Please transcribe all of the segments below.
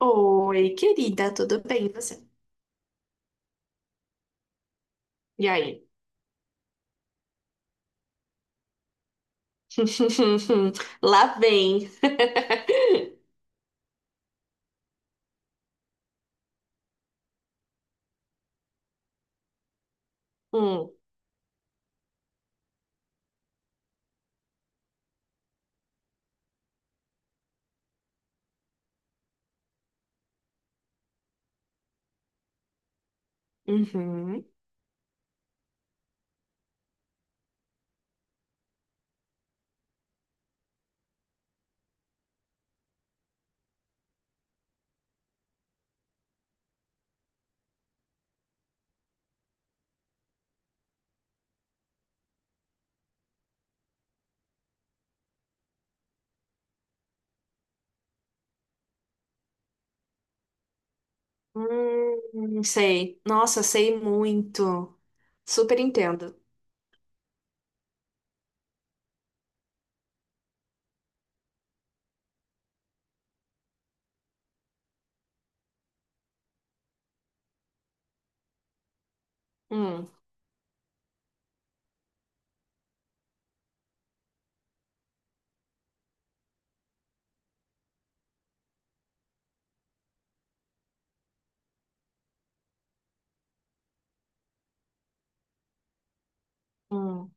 Oi, querida, tudo bem? E você? E aí? Lá vem. Hum, uhum. Sei. Nossa, sei muito. Super entendo. Hum, hum,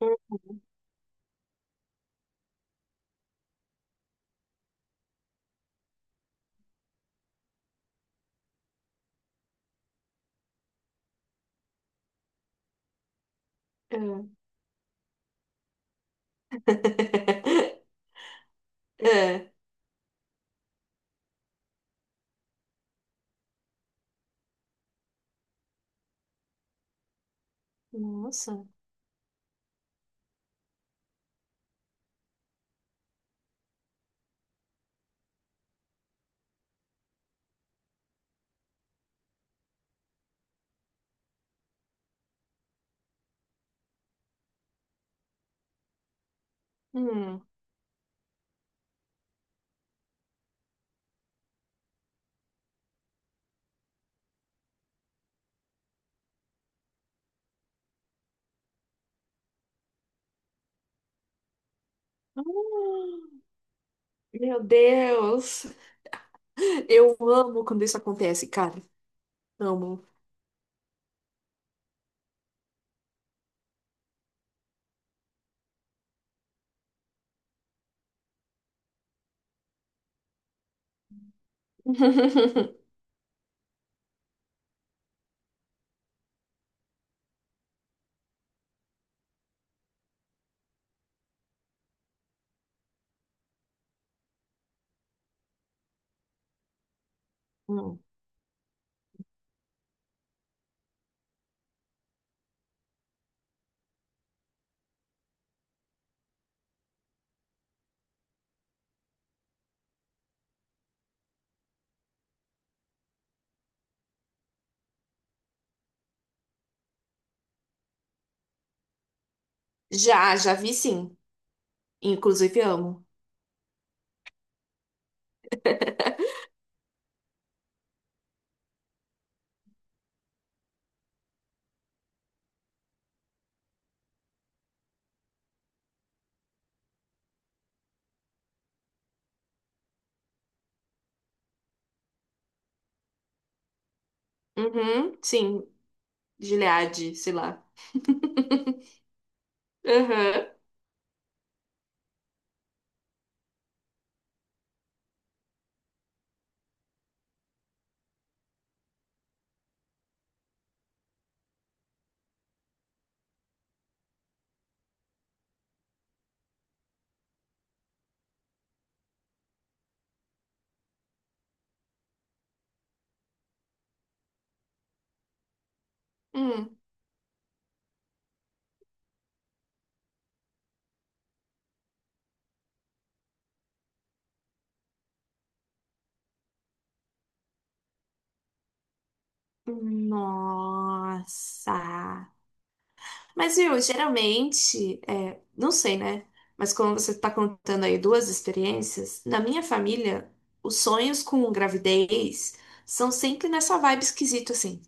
hum, é. É. Nossa. Hum. Hum. Meu Deus. Eu amo quando isso acontece, cara. Amo. Hum. Já, já vi sim. Inclusive amo. Uhum, sim, Gilead, sei lá. Aham. Hum. Nossa. Mas, viu, geralmente, não sei, né? Mas como você tá contando aí duas experiências, na minha família, os sonhos com gravidez são sempre nessa vibe esquisita, assim.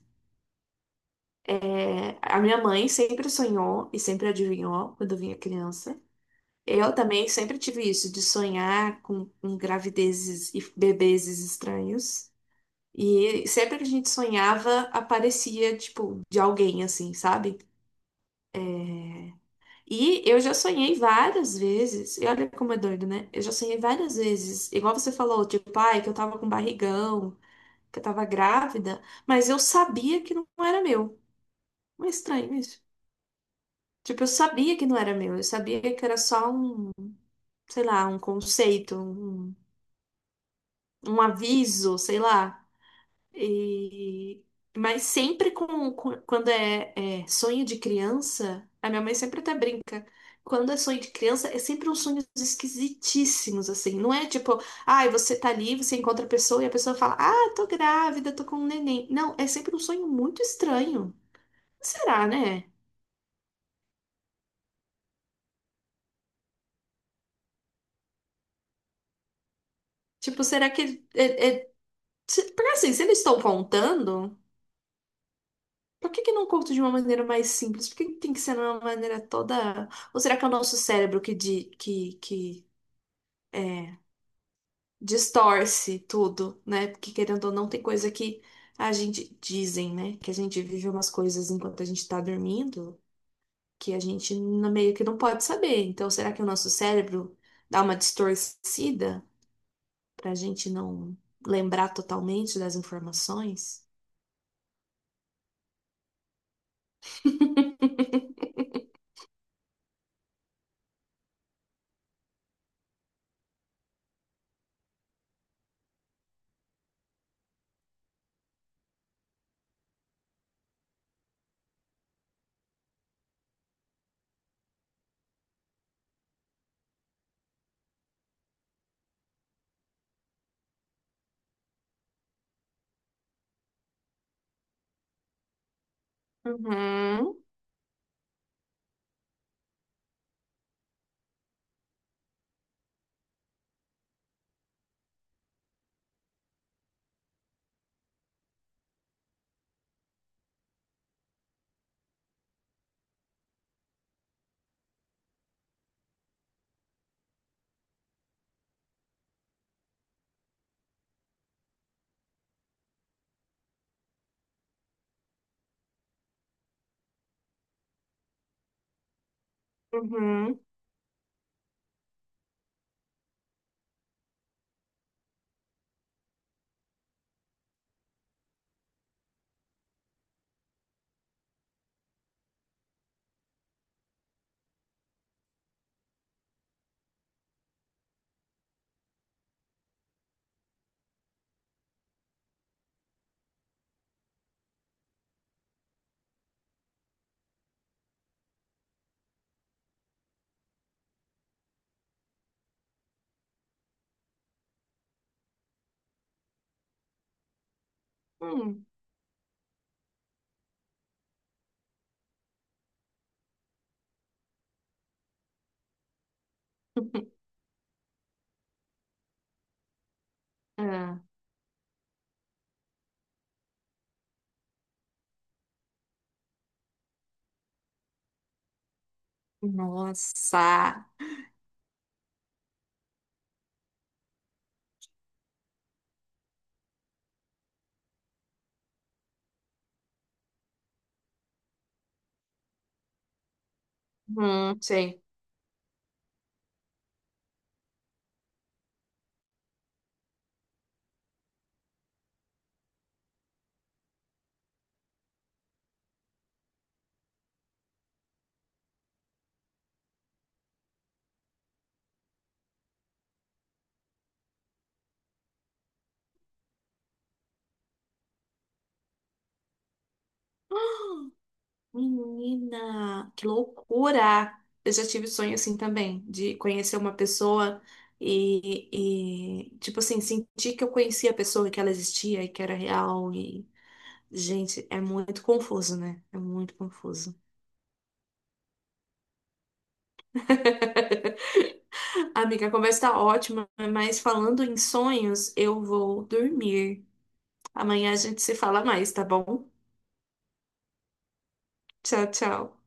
É, a minha mãe sempre sonhou e sempre adivinhou quando eu vinha criança. Eu também sempre tive isso, de sonhar com gravidezes e bebezes estranhos. E sempre que a gente sonhava, aparecia, tipo, de alguém, assim, sabe? E eu já sonhei várias vezes, e olha como é doido, né? Eu já sonhei várias vezes, igual você falou, tipo, ai, que eu tava com barrigão, que eu tava grávida, mas eu sabia que não era meu. Não é estranho isso? Tipo, eu sabia que não era meu, eu sabia que era só um, sei lá, um conceito, um aviso, sei lá. E... mas sempre quando é sonho de criança, a minha mãe sempre até brinca. Quando é sonho de criança, é sempre uns sonhos esquisitíssimos, assim. Não é tipo, ai, você tá ali, você encontra a pessoa e a pessoa fala, ah, tô grávida, tô com um neném. Não, é sempre um sonho muito estranho. Será, né? Tipo, será que. Porque assim, se eles estão contando, por que que não conto de uma maneira mais simples? Por que que tem que ser de uma maneira toda. Ou será que é o nosso cérebro que É, distorce tudo, né? Porque querendo ou não, tem coisa que a gente dizem, né? Que a gente vive umas coisas enquanto a gente tá dormindo que a gente meio que não pode saber. Então, será que o nosso cérebro dá uma distorcida pra gente não lembrar totalmente das informações? Uhum, uhum, hum. Ah, nossa. Sei. Menina, que loucura! Eu já tive sonho assim também, de conhecer uma pessoa tipo assim, sentir que eu conhecia a pessoa, que ela existia e que era real. E, gente, é muito confuso, né? É muito confuso. Amiga, a conversa tá ótima, mas falando em sonhos, eu vou dormir. Amanhã a gente se fala mais, tá bom? Tchau, tchau.